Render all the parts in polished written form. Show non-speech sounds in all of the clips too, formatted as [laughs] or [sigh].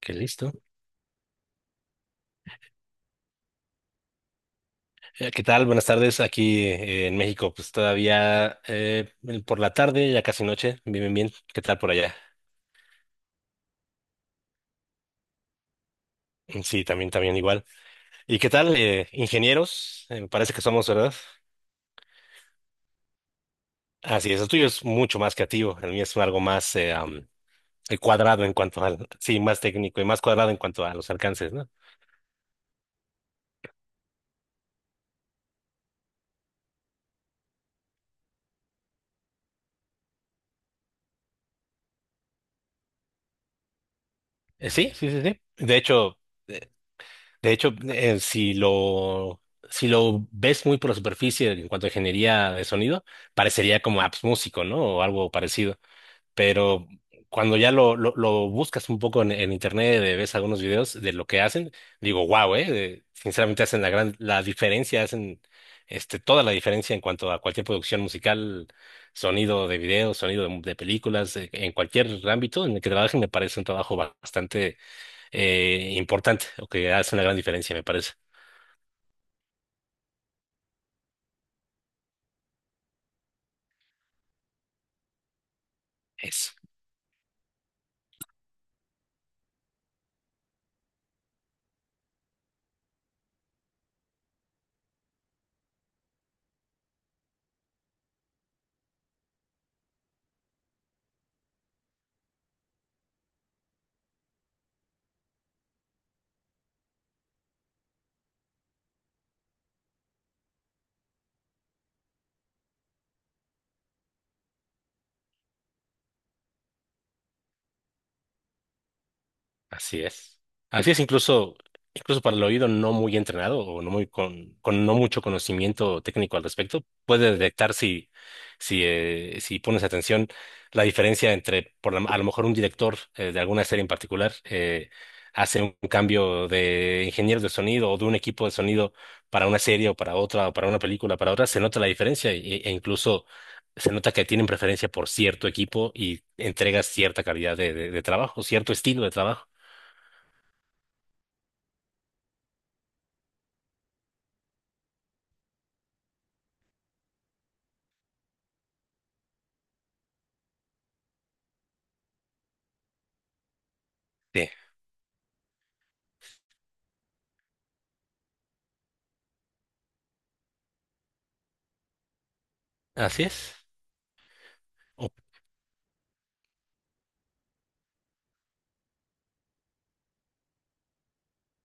Qué listo. ¿Qué tal? Buenas tardes. Aquí en México, pues todavía por la tarde, ya casi noche. Bien, bien, bien. ¿Qué tal por allá? Mm, sí, también, también igual. ¿Y qué tal, ingenieros? Me parece que somos, ¿verdad? Así es, el tuyo es mucho más creativo. El mío es algo más cuadrado en cuanto al, sí, más técnico y más cuadrado en cuanto a los alcances, ¿no? Sí, sí, sí, sí. De hecho, De hecho, si lo ves muy por la superficie en cuanto a ingeniería de sonido, parecería como apps músico, ¿no? O algo parecido. Pero cuando ya lo buscas un poco en internet, ves algunos videos de lo que hacen, digo, wow, sinceramente hacen la diferencia, hacen toda la diferencia en cuanto a cualquier producción musical, sonido de videos, sonido de películas, en cualquier ámbito en el que trabajen, me parece un trabajo bastante importante o que hace una gran diferencia, me parece. Eso. Así es. Así es, incluso para el oído no muy entrenado o no muy con, no mucho conocimiento técnico al respecto, puede detectar si pones atención la diferencia entre, a lo mejor un director de alguna serie en particular hace un cambio de ingenieros de sonido o de un equipo de sonido para una serie o para otra o para una película, para otra, se nota la diferencia e incluso se nota que tienen preferencia por cierto equipo y entregas cierta calidad de trabajo, cierto estilo de trabajo. Sí, así es. Oh.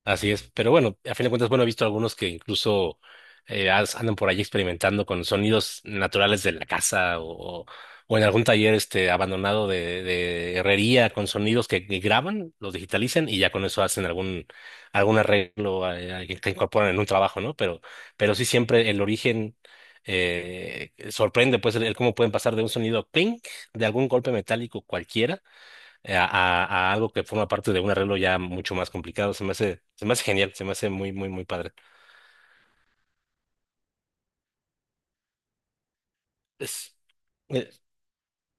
Así es. Pero bueno, a fin de cuentas, bueno, he visto algunos que incluso andan por allí experimentando con sonidos naturales de la casa o en algún taller abandonado de herrería con sonidos que graban, los digitalizan y ya con eso hacen algún arreglo que incorporan en un trabajo, ¿no? Pero, sí siempre el origen sorprende, pues, el cómo pueden pasar de un sonido clink, de algún golpe metálico cualquiera eh, a, a- a algo que forma parte de un arreglo ya mucho más complicado. Se me hace genial, se me hace muy, muy, muy padre. Es- eh,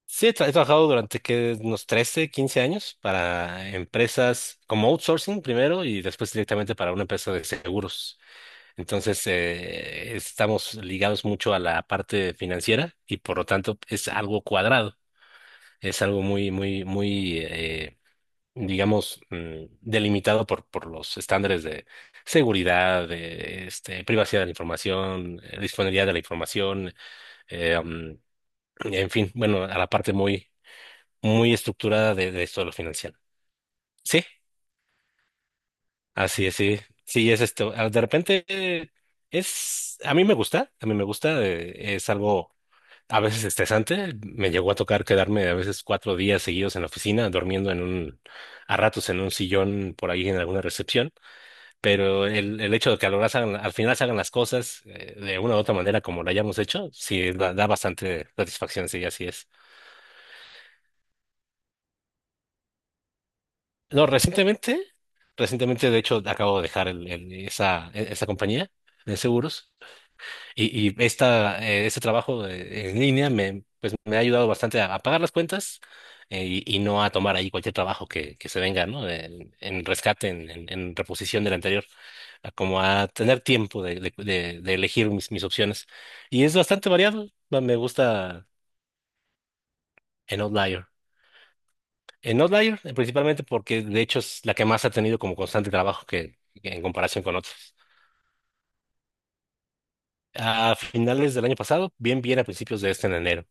sí, he trabajado durante que unos 13 15 años para empresas como outsourcing primero y después directamente para una empresa de seguros. Entonces, estamos ligados mucho a la parte financiera y por lo tanto es algo cuadrado. Es algo muy, muy, muy, digamos, delimitado por los estándares de seguridad, de privacidad de la información, disponibilidad de la información, eh, mm, en fin, bueno, a la parte muy, muy estructurada de esto de lo financiero. Sí, así es, sí, sí, es esto. Ah, de repente a mí me gusta, es algo a veces estresante. Me llegó a tocar quedarme a veces 4 días seguidos en la oficina, durmiendo a ratos en un sillón por ahí en alguna recepción. Pero el hecho de que a lo largo al final se hagan las cosas de una u otra manera como la hayamos hecho, sí da bastante satisfacción, sí, así es. No, recientemente de hecho acabo de dejar esa compañía de seguros. Y este trabajo en línea pues, me ha ayudado bastante a pagar las cuentas, y no a tomar ahí cualquier trabajo que se venga, ¿no? En rescate, en reposición del anterior, a como a tener tiempo de elegir mis opciones. Y es bastante variado. Me gusta en Outlier. En Outlier, principalmente porque de hecho es la que más ha tenido como constante trabajo que en comparación con otros. A finales del año pasado, bien, bien a principios de este en enero.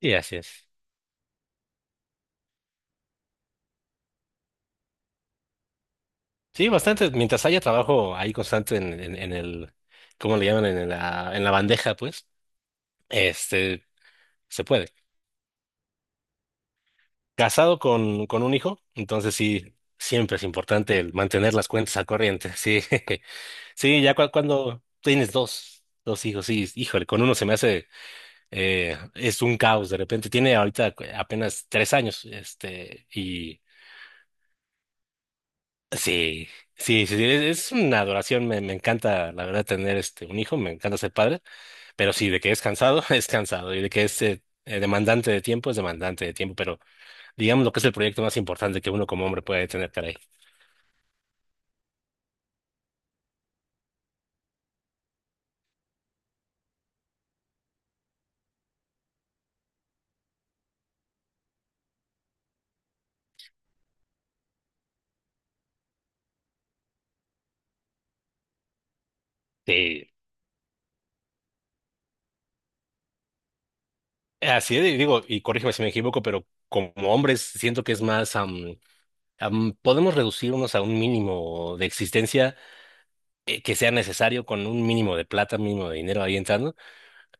Y así es. Sí, bastante. Mientras haya trabajo ahí constante en el, ¿cómo le llaman? En la bandeja, pues, este, se puede. Casado con un hijo, entonces sí, siempre es importante el mantener las cuentas al corriente. Sí, [laughs] sí, ya cuando tienes dos hijos, sí, híjole, con uno se me hace, es un caos de repente. Tiene ahorita apenas 3 años, y sí, sí, sí, sí, es una adoración. Me encanta, la verdad, tener este, un hijo, me encanta ser padre. Pero sí, de que es cansado, [laughs] es cansado. Y de que es demandante de tiempo, es demandante de tiempo. Pero digamos lo que es el proyecto más importante que uno como hombre puede tener, caray. Sí. Así es, y digo, y corrígeme si me equivoco, pero como hombres siento que es más, podemos reducirnos a un mínimo de existencia que sea necesario con un mínimo de plata, mínimo de dinero ahí entrando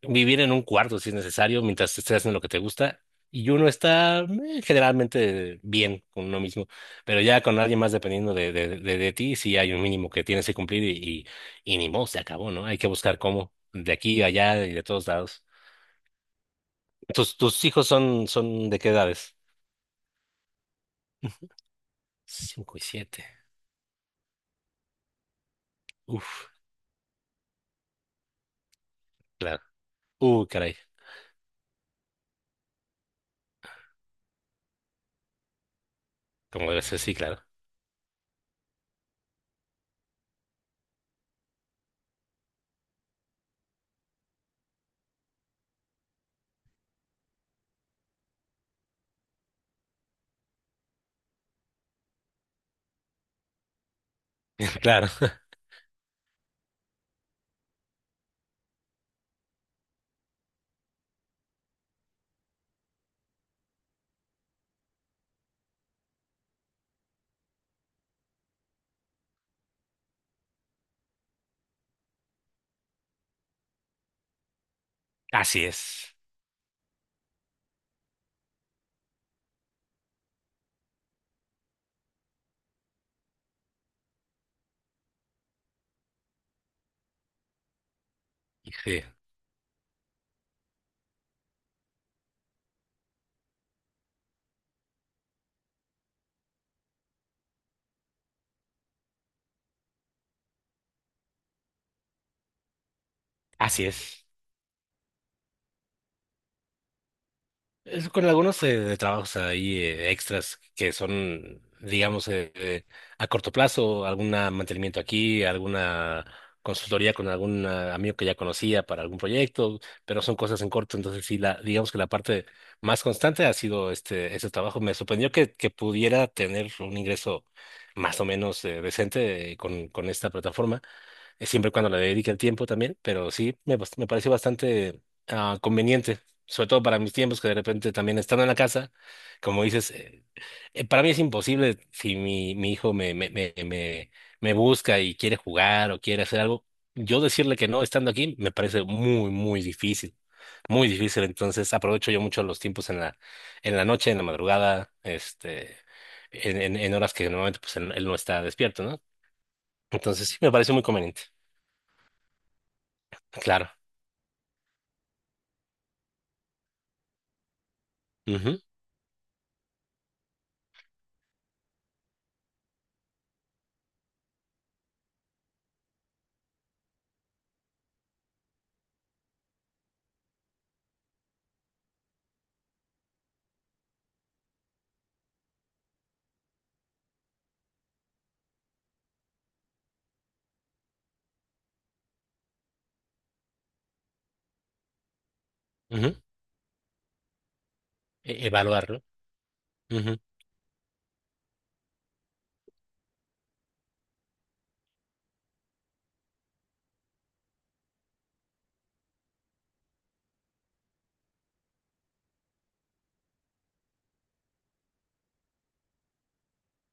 vivir en un cuarto si es necesario, mientras estés haciendo lo que te gusta. Y uno está generalmente bien con uno mismo, pero ya con alguien más dependiendo de ti, sí hay un mínimo que tienes que cumplir y, ni modo, se acabó, ¿no? Hay que buscar cómo, de aquí, allá y de todos lados. ¿Tus hijos son de qué edades? Cinco y siete. Uf, claro. Caray. Como debe ser, sí, claro. [laughs] Claro. [laughs] Así es. Sí, así es. Es con algunos de trabajos ahí extras que son, digamos, a corto plazo, algún mantenimiento aquí, alguna consultoría con algún amigo que ya conocía para algún proyecto, pero son cosas en corto, entonces sí, digamos que la parte más constante ha sido ese trabajo. Me sorprendió que pudiera tener un ingreso más o menos decente con esta plataforma siempre y cuando le dedique el tiempo también, pero sí, me pareció bastante conveniente, sobre todo para mis tiempos que de repente también estando en la casa, como dices, para mí es imposible si mi hijo me busca y quiere jugar o quiere hacer algo, yo decirle que no estando aquí me parece muy, muy difícil, entonces aprovecho yo mucho los tiempos en la, noche, en la madrugada, En horas que normalmente pues él no está despierto, ¿no? Entonces sí, me parece muy conveniente. Claro. Ujú, ujú. Evaluarlo. Ujú,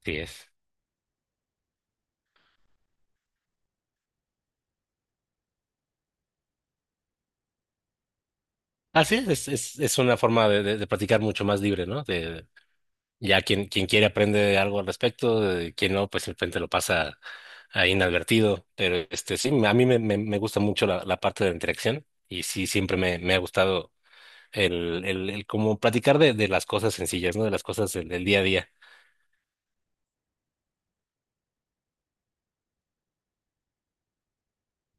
sí es. Así es una forma de practicar mucho más libre, ¿no? Ya quien quiere aprende algo al respecto, de quien no, pues simplemente lo pasa ahí inadvertido. Pero sí, a mí me gusta mucho la parte de la interacción y sí, siempre me ha gustado el como platicar de las cosas sencillas, ¿no? De las cosas del día a día.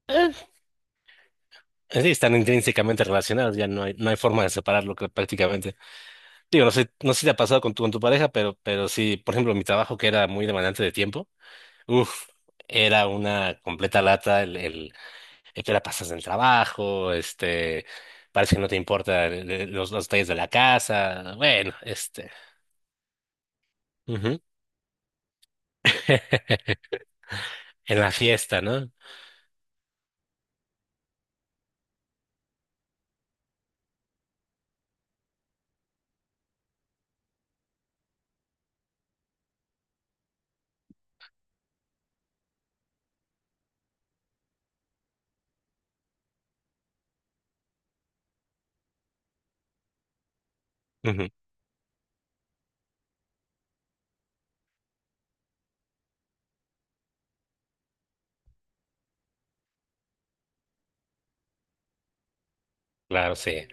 Eh, Sí, están intrínsecamente relacionadas, ya no hay forma de separarlo que prácticamente. Digo, no sé si te ha pasado con tu, pareja, pero sí, por ejemplo, mi trabajo que era muy demandante de tiempo, uff, era una completa lata el que la pasas en el trabajo, parece que no te importa los detalles de la casa, bueno, ujú. [laughs] En la fiesta, ¿no? Ujú, claro, sí.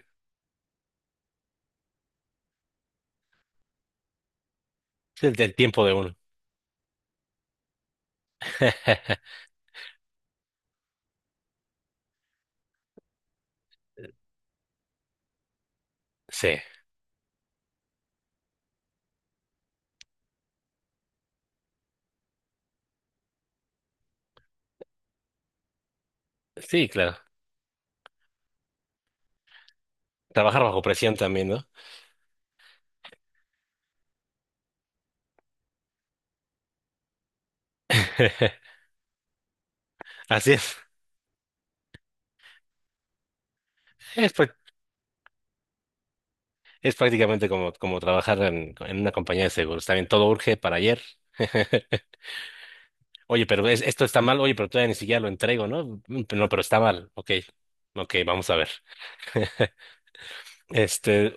Es el tiempo de uno. [laughs] Sí, sí, claro. Trabajar bajo presión también, ¿no? [laughs] Así es. es pues, Es prácticamente como trabajar en una compañía de seguros. También todo urge para ayer. [laughs] Oye, pero esto está mal. Oye, pero todavía ni siquiera lo entrego, ¿no? Mm, no, pero está mal. Ok, ok, vamos a ver. Este,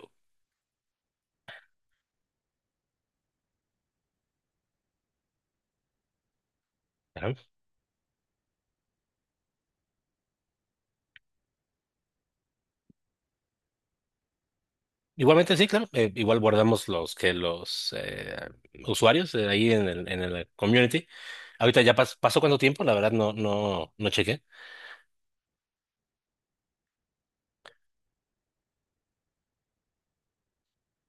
ajá. Igualmente sí, claro. Igual guardamos los usuarios ahí en el community. Ahorita ya pasó cuánto tiempo, la verdad no chequé.